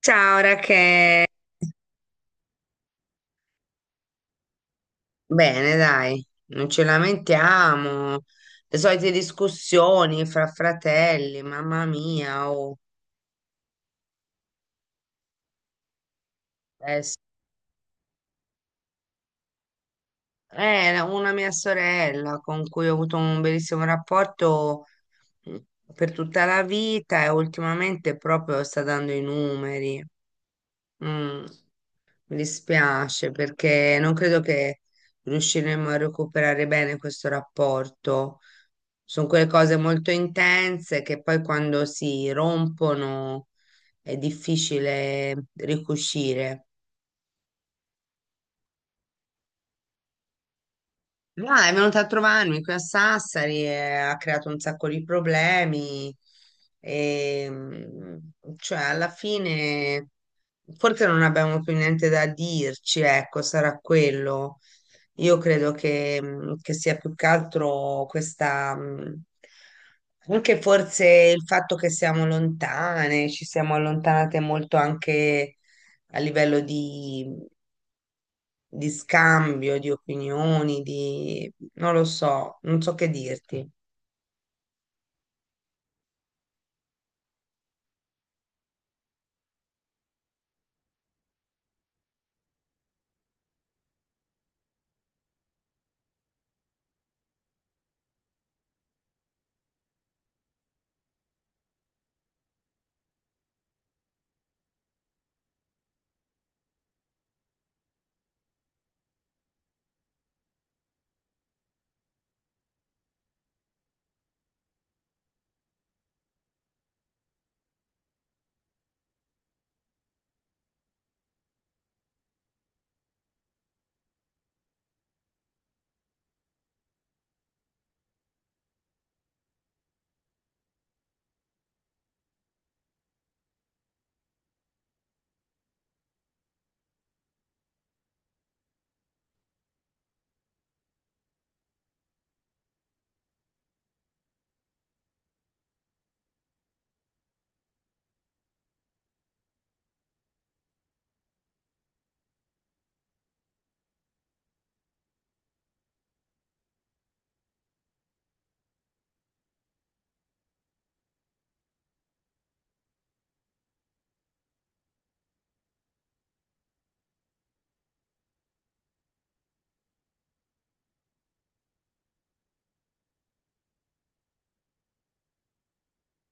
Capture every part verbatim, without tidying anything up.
Ciao Rachele, bene dai, non ci lamentiamo, le solite discussioni fra fratelli, mamma mia, oh, eh, s- eh, una mia sorella con cui ho avuto un bellissimo rapporto mm, per tutta la vita e ultimamente proprio sta dando i numeri. Mm. Mi dispiace perché non credo che riusciremo a recuperare bene questo rapporto. Sono quelle cose molto intense che poi quando si rompono è difficile ricucire. Ma è venuta a trovarmi qui a Sassari e ha creato un sacco di problemi. E, mm, cioè, alla fine forse non abbiamo più niente da dirci, ecco, sarà quello. Io credo che, mh, che sia più che altro questa, mh, anche forse il fatto che siamo lontane, ci siamo allontanate molto anche a livello di, di scambio, di opinioni, di, non lo so, non so che dirti.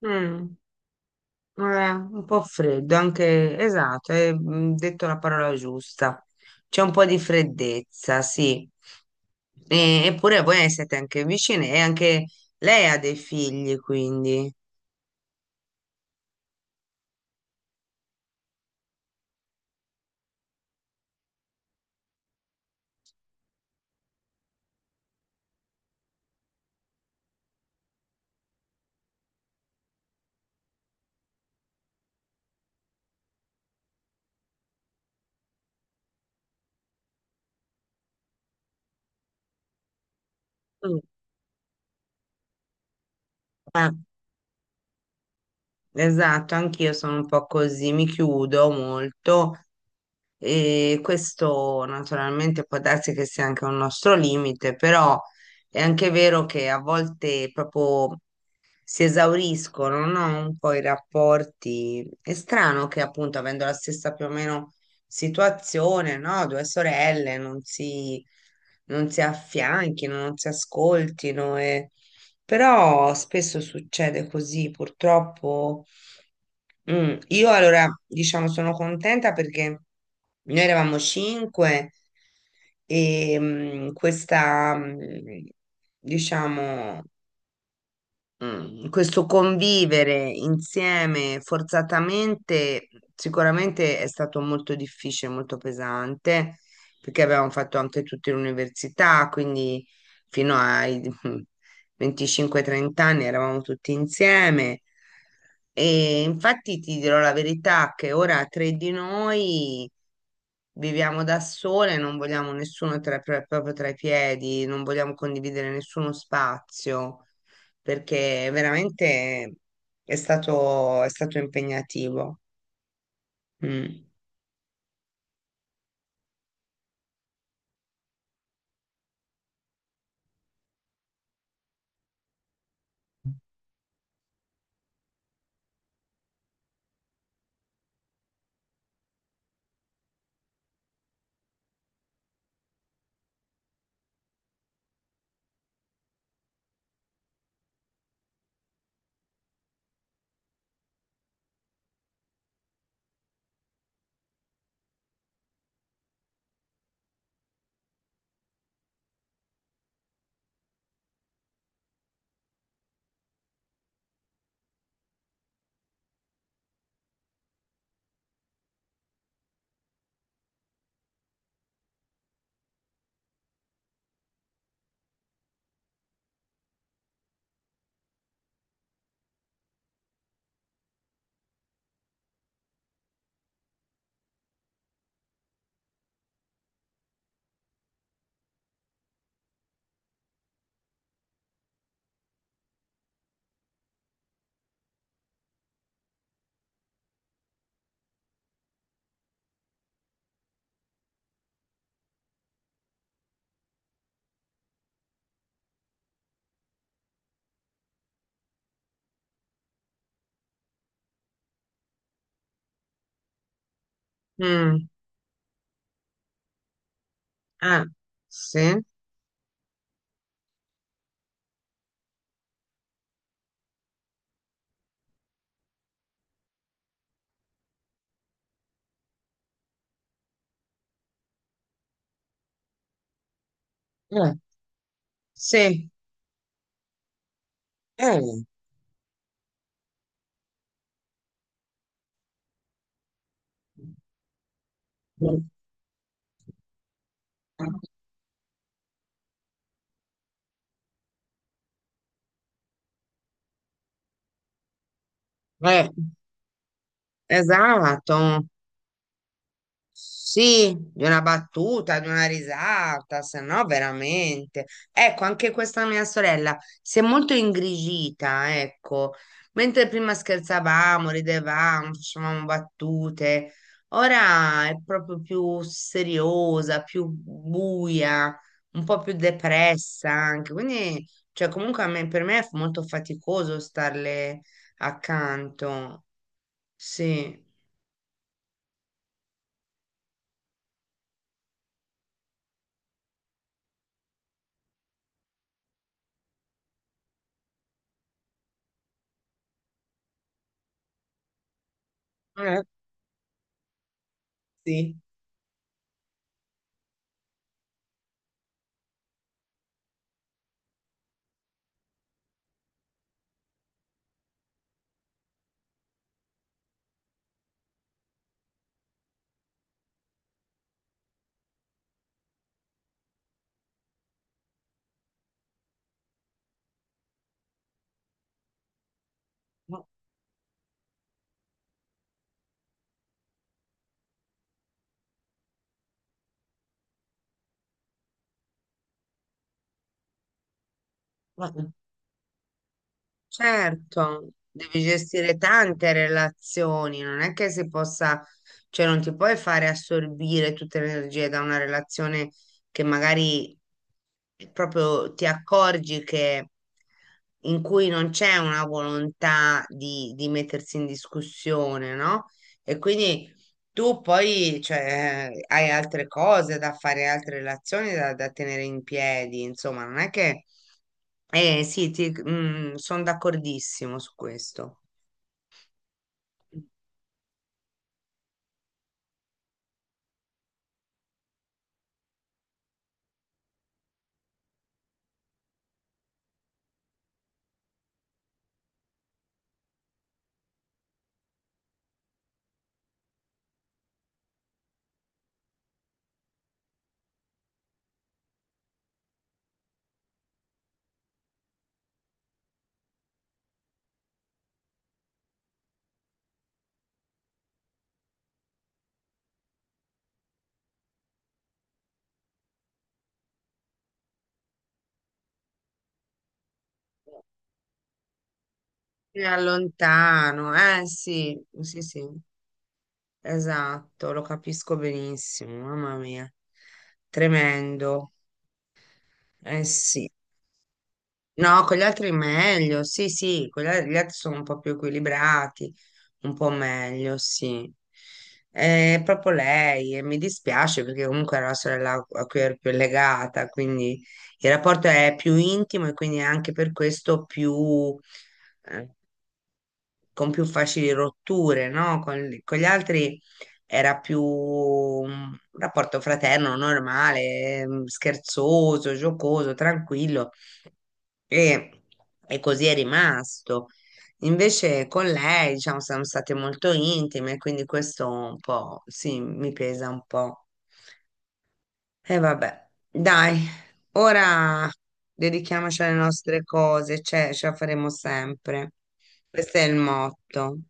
Mm. Eh, un po' freddo, anche esatto, hai mm, detto la parola giusta. C'è un po' di freddezza, sì. E- eppure voi siete anche vicine e anche lei ha dei figli, quindi. Mm. Eh, esatto, anch'io sono un po' così, mi chiudo molto e questo naturalmente può darsi che sia anche un nostro limite, però è anche vero che a volte proprio si esauriscono, no? Un po' i rapporti. È strano che appunto avendo la stessa più o meno situazione, no? Due sorelle non si, non si affianchino, non si ascoltino e... Però spesso succede così, purtroppo. Mm, io allora, diciamo, sono contenta perché noi eravamo cinque e mm, questa, mm, diciamo, Mm, questo convivere insieme forzatamente sicuramente è stato molto difficile, molto pesante, perché avevamo fatto anche tutti l'università, quindi fino ai venticinque trenta anni eravamo tutti insieme. E infatti ti dirò la verità che ora tre di noi viviamo da sole, non vogliamo nessuno tra, pro- proprio tra i piedi, non vogliamo condividere nessuno spazio, perché veramente è stato, è stato impegnativo. Mm. Mm. Ah, sì? Eh, sì. Eh. Eh, esatto. Sì, di una battuta, di una risata, se no veramente. Ecco, anche questa mia sorella si è molto ingrigita, ecco. Mentre prima scherzavamo, ridevamo, facevamo battute, ora è proprio più seriosa, più buia, un po' più depressa anche. Quindi, cioè, comunque a me- per me è molto faticoso starle accanto. Sì. Eh, sì. Certo, devi gestire tante relazioni, non è che si possa, cioè non ti puoi fare assorbire tutte le energie da una relazione che magari proprio ti accorgi che in cui non c'è una volontà di, di mettersi in discussione, no? E quindi tu poi, cioè, hai altre cose da fare, altre relazioni da, da tenere in piedi, insomma, non è che eh sì, ti, sono d'accordissimo su questo. Ti allontano, eh sì, sì, sì, esatto, lo capisco benissimo, mamma mia, tremendo, eh sì. No, con gli altri meglio, sì, sì, con gli al- gli altri sono un po' più equilibrati, un po' meglio, sì. È proprio lei e mi dispiace perché comunque era la sorella a cui ero più legata, quindi il rapporto è più intimo e quindi anche per questo più, eh, con più facili rotture, no? Con, con gli altri era più un rapporto fraterno, normale, ehm, scherzoso, giocoso, tranquillo e, e così è rimasto. Invece con lei, diciamo, siamo state molto intime, quindi questo un po', sì, mi pesa un po'. E vabbè, dai, ora dedichiamoci alle nostre cose, cioè, ce la faremo sempre. Questo è il motto.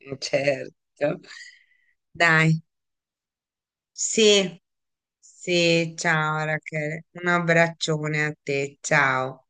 Eh, certo. Dai, sì, sì, ciao Rachele. Un abbraccione a te, ciao.